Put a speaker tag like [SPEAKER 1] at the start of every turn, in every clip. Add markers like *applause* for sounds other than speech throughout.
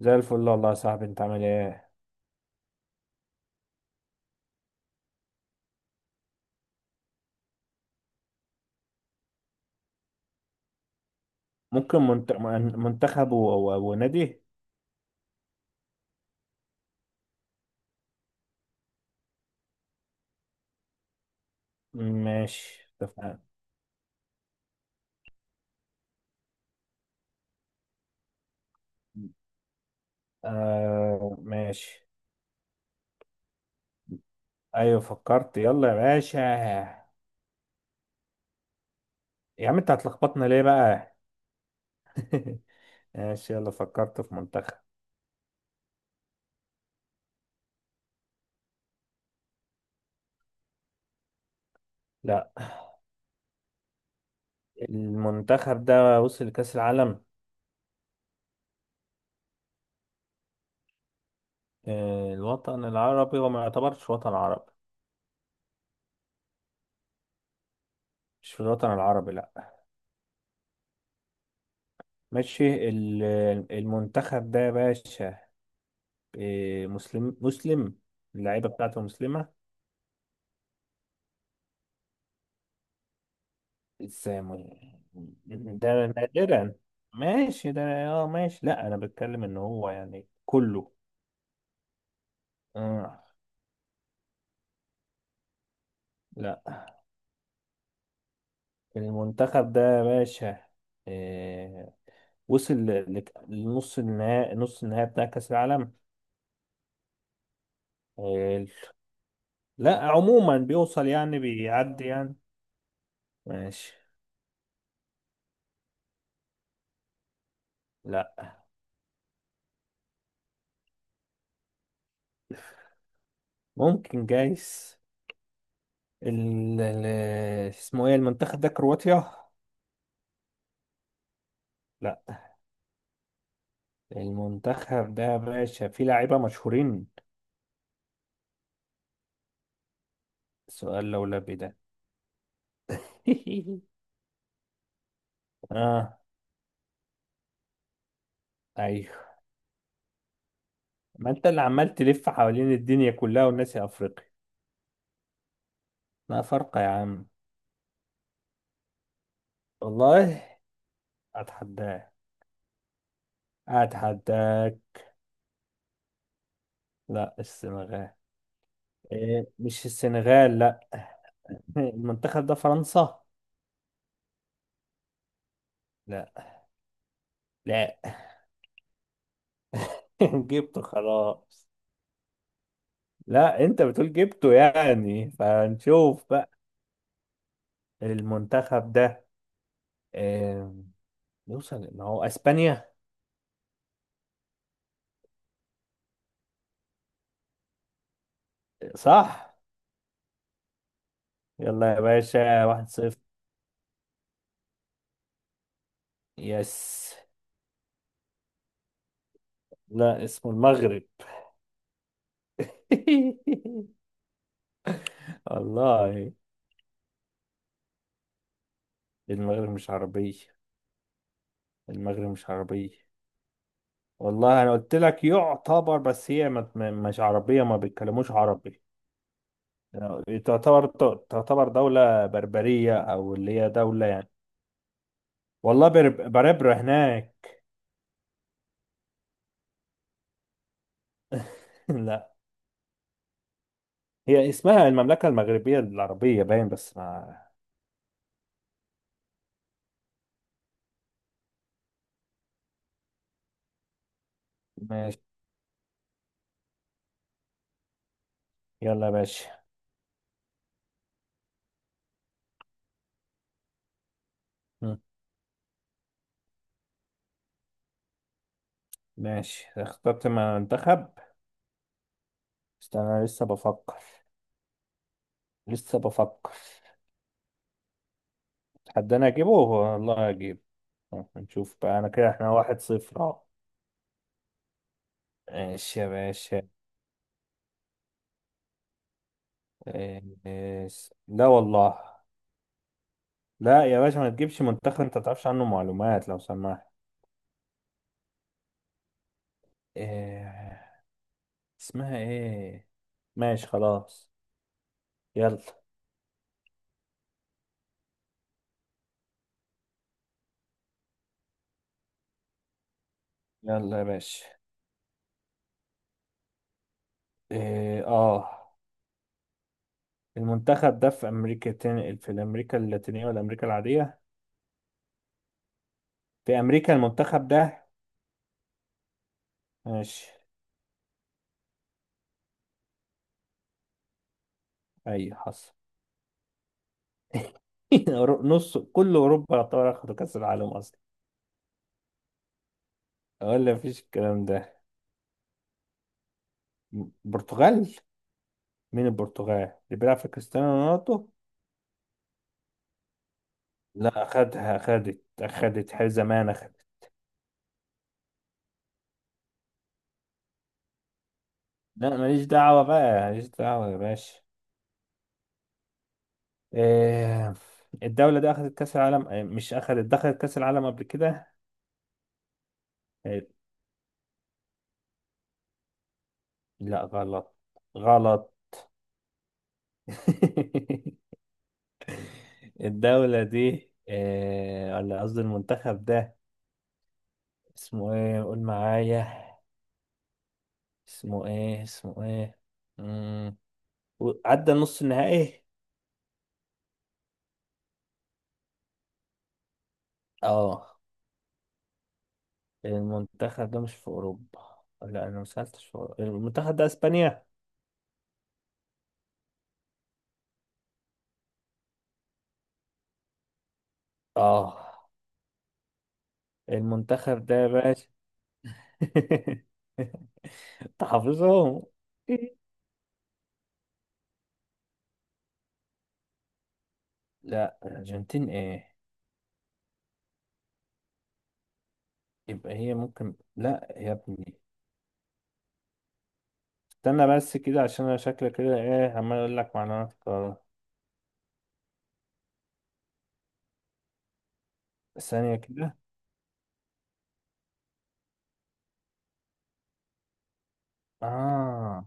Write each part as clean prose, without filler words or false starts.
[SPEAKER 1] زي الفل والله يا صاحبي انت عامل ايه. ممكن منتخب ونادي. ماشي اتفقنا. آه ماشي. ايوه فكرت يلا يا باشا. يا عم انت هتلخبطنا ليه بقى؟ *laughs* ماشي يلا فكرت في منتخب. لا المنتخب ده وصل لكأس العالم. آه الوطن العربي وما يعتبرش وطن عربي. مش في الوطن العربي لا. ماشي المنتخب ده يا باشا. آه مسلم مسلم. اللعيبة بتاعته مسلمة. سامو. ده نادرا. ماشي ده اه ماشي لا انا بتكلم ان هو يعني كله. آه لا المنتخب ده يا باشا. آه وصل لنص النهائي، نص النهائي بتاع كأس العالم. آه لا عموما بيوصل يعني بيعدي يعني. ماشي. لا ممكن جايز. ال... ال- اسمه ايه المنتخب ده، كرواتيا؟ لا المنتخب ده يا باشا فيه لاعيبة مشهورين. سؤال لولبي ده. *laughs* اه ايوه. ما انت اللي عمال تلف حوالين الدنيا كلها والناس يا افريقيا، ما فرق يا عم. والله اتحداك اتحداك. لا السنغال. إيه مش السنغال لا. *laughs* المنتخب ده فرنسا. لا. لا. *laughs* جبته خلاص. لا انت بتقول جبته، يعني فنشوف بقى. المنتخب ده إيه؟ يوصل ما هو اسبانيا صح؟ يلا يا باشا 1-0. يس. لا اسمه المغرب. *laughs* والله. المغرب مش عربية. المغرب مش عربية. والله أنا قلت لك يعتبر، بس هي مش عربية، ما بيتكلموش عربي. تعتبر. تعتبر دولة بربرية أو اللي هي دولة يعني. والله بربرة هناك. *laughs* لا هي اسمها المملكة المغربية العربية باين، بس ما. ماشي. يلا يا باشا. مم. ماشي اخترت منتخب. استنى أنا لسه بفكر. لسه بفكر. حد انا اجيبه والله اجيب. نشوف بقى، انا كده احنا 1-0 اهو. ماشي يا باشا. إيه- لا والله. لا يا باشا ما تجيبش منتخب انت ما تعرفش عنه معلومات لو سمحت. إيه... اسمها ايه؟ ماشي خلاص. يلا. يلا يا باشا. إيه... اه المنتخب ده في امريكا في امريكا اللاتينية ولا امريكا العادية؟ في امريكا المنتخب ده؟ ماشي. اي حصل. *laughs* نص كل اوروبا يعتبر اخدوا كاس العالم اصلا. ولا مفيش الكلام ده. برتغال. مين البرتغال اللي بيلعب في كريستيانو رونالدو؟ لا أخدها، أخدت أخدت حي زمان أخدت. لا ماليش دعوة بقى. ماليش دعوة يا باشا. إيه. الدولة دي أخدت كأس العالم إيه، مش أخدت، دخلت كأس العالم قبل كده. إيه، لا غلط. غلط. *laughs* الدولة دي إيه، ولا قصدي المنتخب ده. اسمه إيه قول معايا. اسمه إيه، اسمه إيه؟ مم. عدى نص النهائي. اه المنتخب ده مش في اوروبا. لا انا ما سالتش في أوروبا. المنتخب ده اسبانيا. اه المنتخب ده يا باشا. *laughs* تحافظهم. لا الارجنتين ايه. يبقى هي ممكن لا يا ابني. استنى بس كده عشان انا شكلي كده ايه عمال اقول لك معلومات غلط. ثانية كده. اه.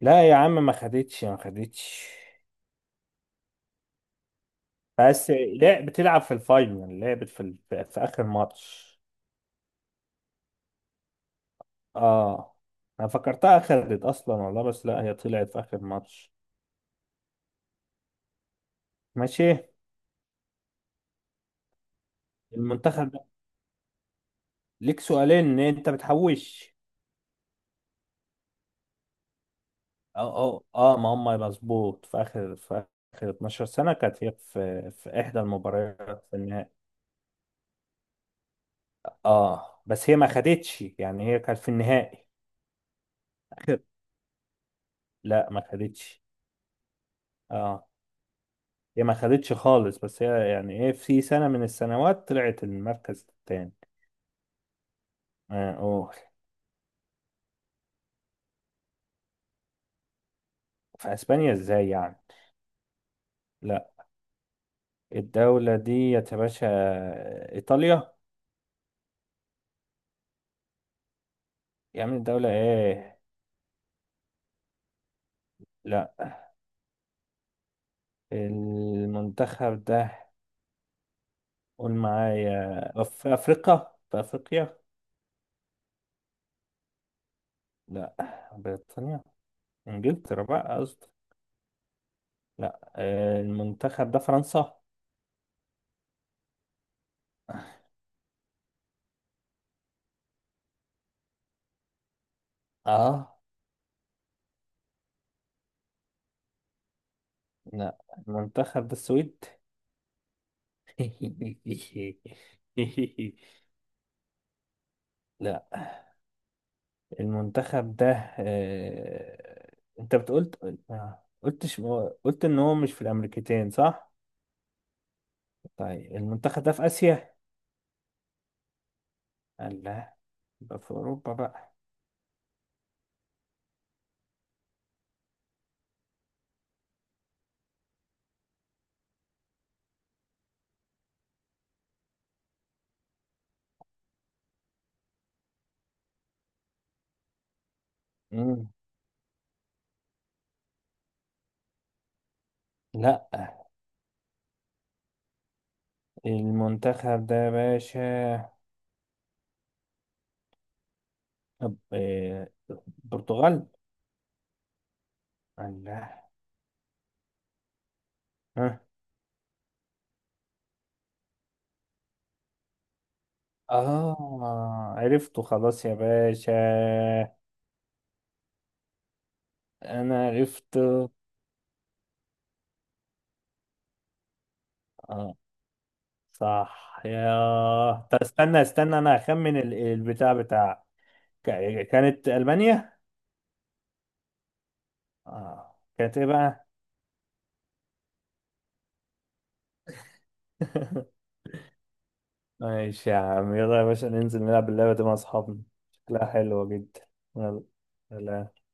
[SPEAKER 1] لا يا عم ما خدتش، ما خدتش. بس لا بتلعب في الفاينل، لعبت في اخر ماتش. اه. انا فكرتها خرجت اصلا والله، بس لا هي طلعت في اخر ماتش. ماشي. المنتخب ده. ليك سؤالين ان انت بتحوش. اه اه اه ما هم مظبوط، في اخر، في اخر 12 سنه كانت هي في في احدى المباريات في النهائي. اه بس هي ما خدتش يعني، هي كانت في النهائي. *laughs* اخر. لا ما خدتش. اه هي ما خدتش خالص، بس هي يعني ايه، في سنه من السنوات طلعت المركز الثاني. اه أوه. في اسبانيا ازاي يعني؟ لا الدولة دي يا باشا، إيطاليا. يا عم الدولة إيه؟ لا المنتخب ده. قول معايا في أفريقيا، في أفريقيا. لا بريطانيا. إنجلترا بقى قصدي. لا آه، المنتخب ده فرنسا. آه لا المنتخب ده السويد. *laughs* لا المنتخب ده. آه، أنت بتقول، آه، قلتش، قلت إن هو مش في الأمريكتين صح؟ طيب المنتخب ده في آسيا؟ لا. يبقى في أوروبا بقى. مم. لا المنتخب ده يا باشا. طب، آه، البرتغال؟ لا. ها. آه عرفته خلاص يا باشا. أنا عرفته. آه صح يا. طب استنى استنى أنا هخمن البتاع بتاع. كانت ألمانيا؟ آه كانت إيه بقى؟ *laughs* ماشي يا عم يلا يا باشا ننزل نلعب اللعبة دي مع أصحابنا. شكلها حلوة جدا. يلا سلام.